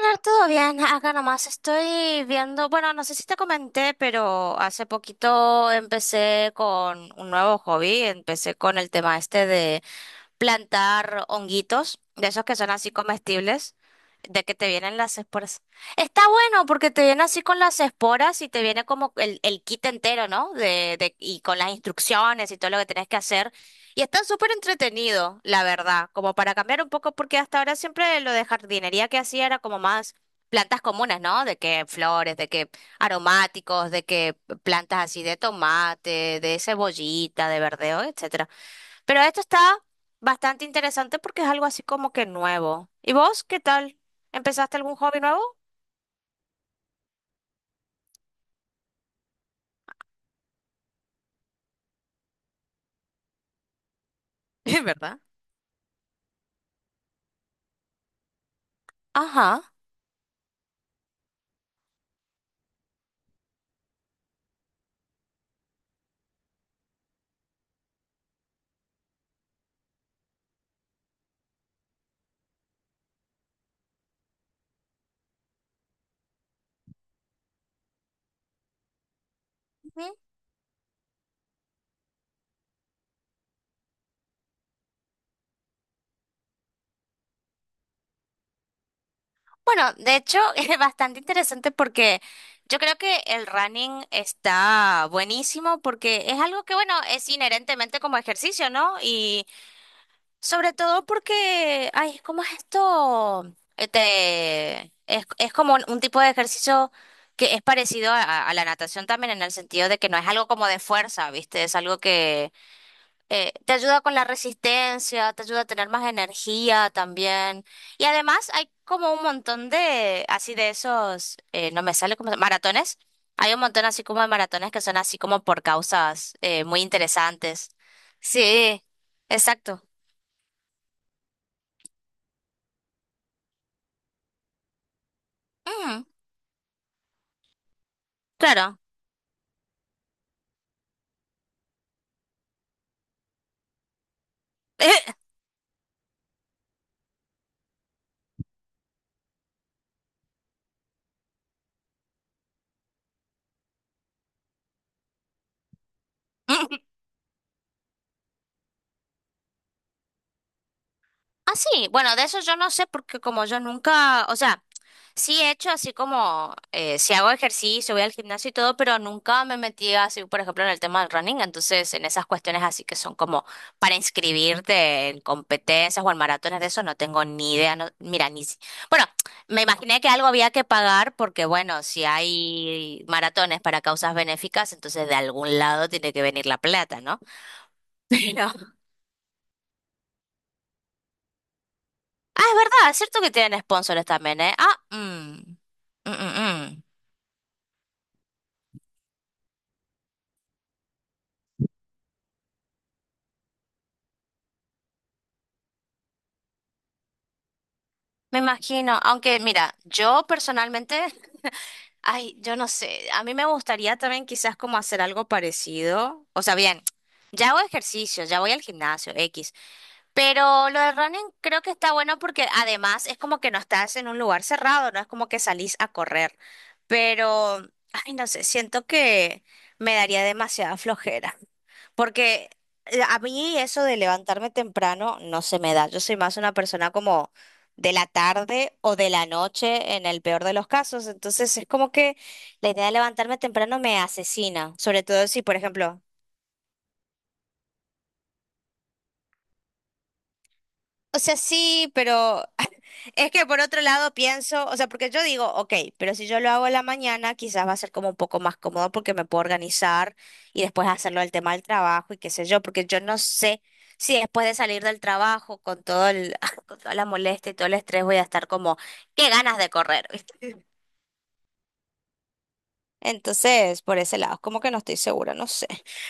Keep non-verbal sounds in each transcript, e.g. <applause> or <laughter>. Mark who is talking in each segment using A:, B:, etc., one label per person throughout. A: Ganar todo bien, acá nomás estoy viendo, bueno, no sé si te comenté, pero hace poquito empecé con un nuevo hobby, empecé con el tema este plantar honguitos, de esos que son así comestibles, de que te vienen las esporas. Está bueno porque te viene así con las esporas y te viene como el kit entero, ¿no? Y con las instrucciones y todo lo que tenés que hacer. Y está súper entretenido, la verdad, como para cambiar un poco, porque hasta ahora siempre lo de jardinería que hacía era como más plantas comunes, ¿no? De que flores, de que aromáticos, de que plantas así de tomate, de cebollita, de verdeo, etcétera. Pero esto está bastante interesante porque es algo así como que nuevo. ¿Y vos qué tal? ¿Empezaste algún hobby nuevo? <laughs> ¿Verdad? Ajá. Ujú. Bueno, de hecho, <laughs> es bastante interesante porque yo creo que el running está buenísimo porque es algo que, bueno, es inherentemente como ejercicio, ¿no? Y sobre todo porque, ay, ¿cómo es esto? Es como un tipo de ejercicio que es parecido a, a la natación también en el sentido de que no es algo como de fuerza, ¿viste? Es algo que te ayuda con la resistencia, te ayuda a tener más energía también. Y además hay como un montón de, así de esos, no me sale como, maratones. Hay un montón así como de maratones que son así como por causas muy interesantes. Sí, exacto. Ujú. Claro. <laughs> Ah, sí, bueno, de eso yo no sé porque como yo nunca, o sea, sí he hecho así como, si hago ejercicio, voy al gimnasio y todo, pero nunca me metí así, por ejemplo, en el tema del running, entonces en esas cuestiones así que son como para inscribirte en competencias o en maratones de eso, no tengo ni idea, no, mira, ni... Bueno, me imaginé que algo había que pagar porque, bueno, si hay maratones para causas benéficas, entonces de algún lado tiene que venir la plata, ¿no? <laughs> Pero. Ah, es verdad, es cierto que tienen sponsors también, ¿eh? Mm, mm, mm. Me imagino, aunque mira, yo personalmente, <laughs> ay, yo no sé, a mí me gustaría también quizás como hacer algo parecido, o sea, bien, ya hago ejercicio, ya voy al gimnasio, X, pero lo de running creo que está bueno porque además es como que no estás en un lugar cerrado, no es como que salís a correr. Pero, ay, no sé, siento que me daría demasiada flojera. Porque a mí eso de levantarme temprano no se me da. Yo soy más una persona como de la tarde o de la noche en el peor de los casos. Entonces es como que la idea de levantarme temprano me asesina. Sobre todo si, por ejemplo, o sea, sí, pero <laughs> es que por otro lado pienso, o sea, porque yo digo, ok, pero si yo lo hago en la mañana, quizás va a ser como un poco más cómodo porque me puedo organizar y después hacerlo el tema del trabajo y qué sé yo, porque yo no sé si después de salir del trabajo con todo el, <laughs> con toda la molestia y todo el estrés voy a estar como, qué ganas de correr, ¿viste? <laughs> Entonces, por ese lado, como que no estoy segura, no sé.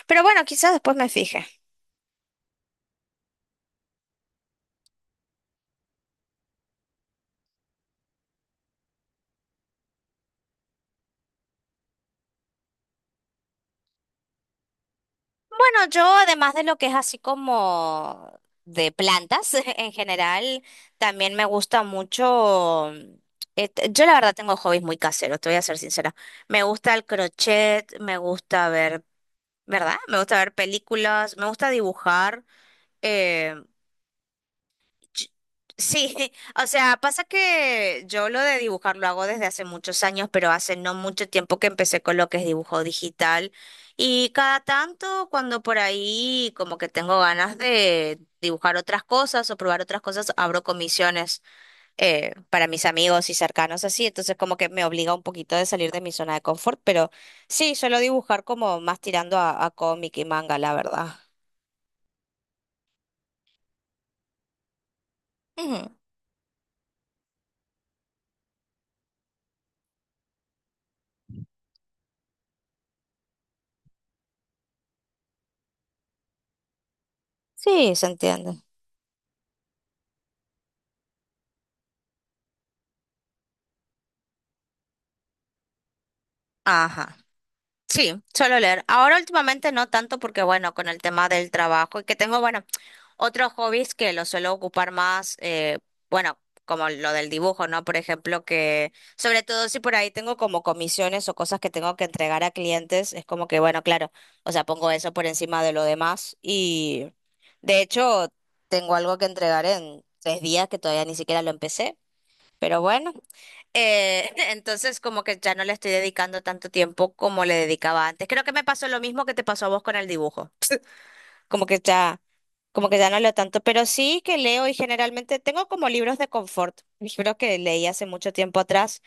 A: Pero bueno, quizás después me fije. Bueno, yo además de lo que es así como de plantas <laughs> en general, también me gusta mucho, yo la verdad tengo hobbies muy caseros, te voy a ser sincera. Me gusta el crochet, me gusta ver, ¿verdad? Me gusta ver películas, me gusta dibujar. eh, Ch- Sí, <laughs> o sea, pasa que yo lo de dibujar lo hago desde hace muchos años, pero hace no mucho tiempo que empecé con lo que es dibujo digital. Y cada tanto, cuando por ahí como que tengo ganas de dibujar otras cosas o probar otras cosas, abro comisiones para mis amigos y cercanos así. Entonces como que me obliga un poquito de salir de mi zona de confort, pero sí, suelo dibujar como más tirando a cómic y manga, la verdad. Ujú. Sí, se entiende. Ajá. Sí, suelo leer. Ahora últimamente no tanto porque, bueno, con el tema del trabajo y que tengo, bueno, otros hobbies que lo suelo ocupar más, bueno, como lo del dibujo, ¿no? Por ejemplo, que sobre todo si por ahí tengo como comisiones o cosas que tengo que entregar a clientes, es como que, bueno, claro, o sea, pongo eso por encima de lo demás y de hecho tengo algo que entregar en 3 días que todavía ni siquiera lo empecé. Pero bueno, <laughs> entonces como que ya no le estoy dedicando tanto tiempo como le dedicaba antes. Creo que me pasó lo mismo que te pasó a vos con el dibujo. Como que ya, como que ya no leo tanto, pero sí que leo y generalmente tengo como libros de confort, libros que leí hace mucho tiempo atrás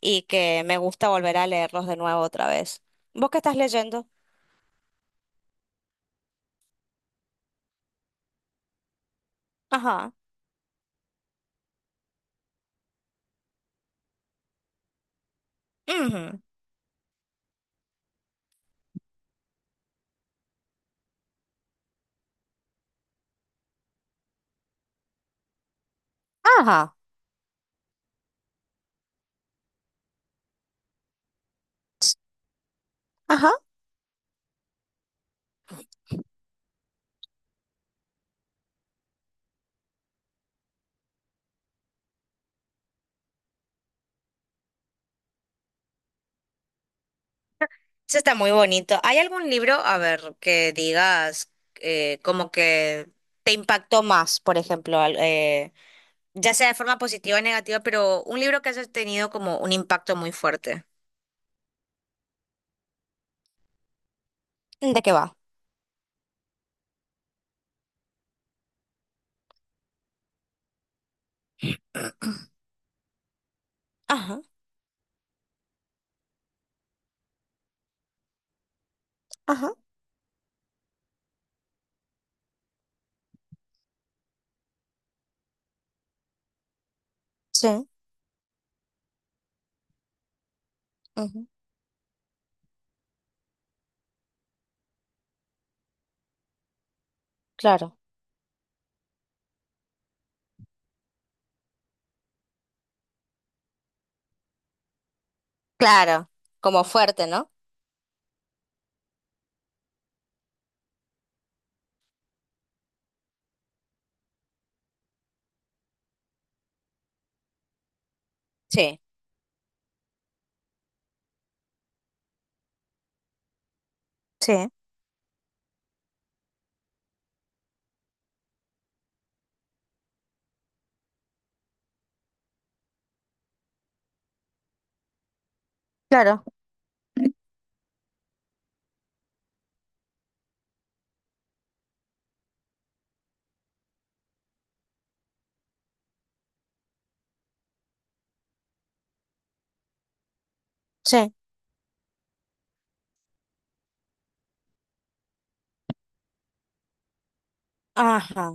A: y que me gusta volver a leerlos de nuevo otra vez. ¿Vos qué estás leyendo? Ajá. Ujú. Ajá. Ajá. Eso está muy bonito. ¿Hay algún libro, a ver, que digas como que te impactó más, por ejemplo, ya sea de forma positiva o negativa, pero un libro que hayas tenido como un impacto muy fuerte? ¿De qué va? Ajá, ajá, sí, ujú, claro. Claro, como fuerte, ¿no? Sí. Sí, claro, sí. Ajá.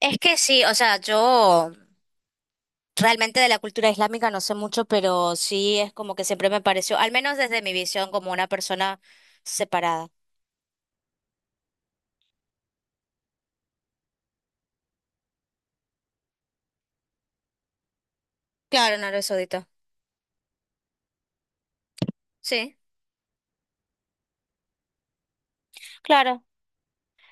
A: Es que sí, o sea, yo... Realmente de la cultura islámica no sé mucho, pero sí es como que siempre me pareció, al menos desde mi visión, como una persona separada. Claro, en Arabia Saudita. Sí. Claro.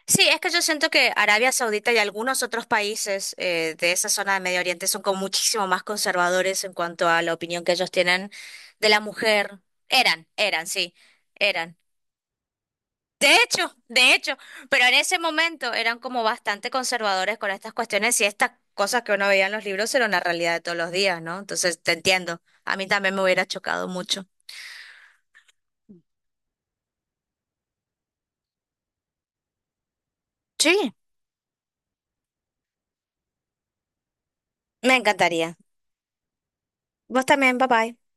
A: Sí, es que yo siento que Arabia Saudita y algunos otros países de esa zona de Medio Oriente son como muchísimo más conservadores en cuanto a la opinión que ellos tienen de la mujer. Sí, eran. De hecho, pero en ese momento eran como bastante conservadores con estas cuestiones y estas cosas que uno veía en los libros eran la realidad de todos los días, ¿no? Entonces, te entiendo. A mí también me hubiera chocado mucho. Sí, me encantaría. Vos también, bye bye.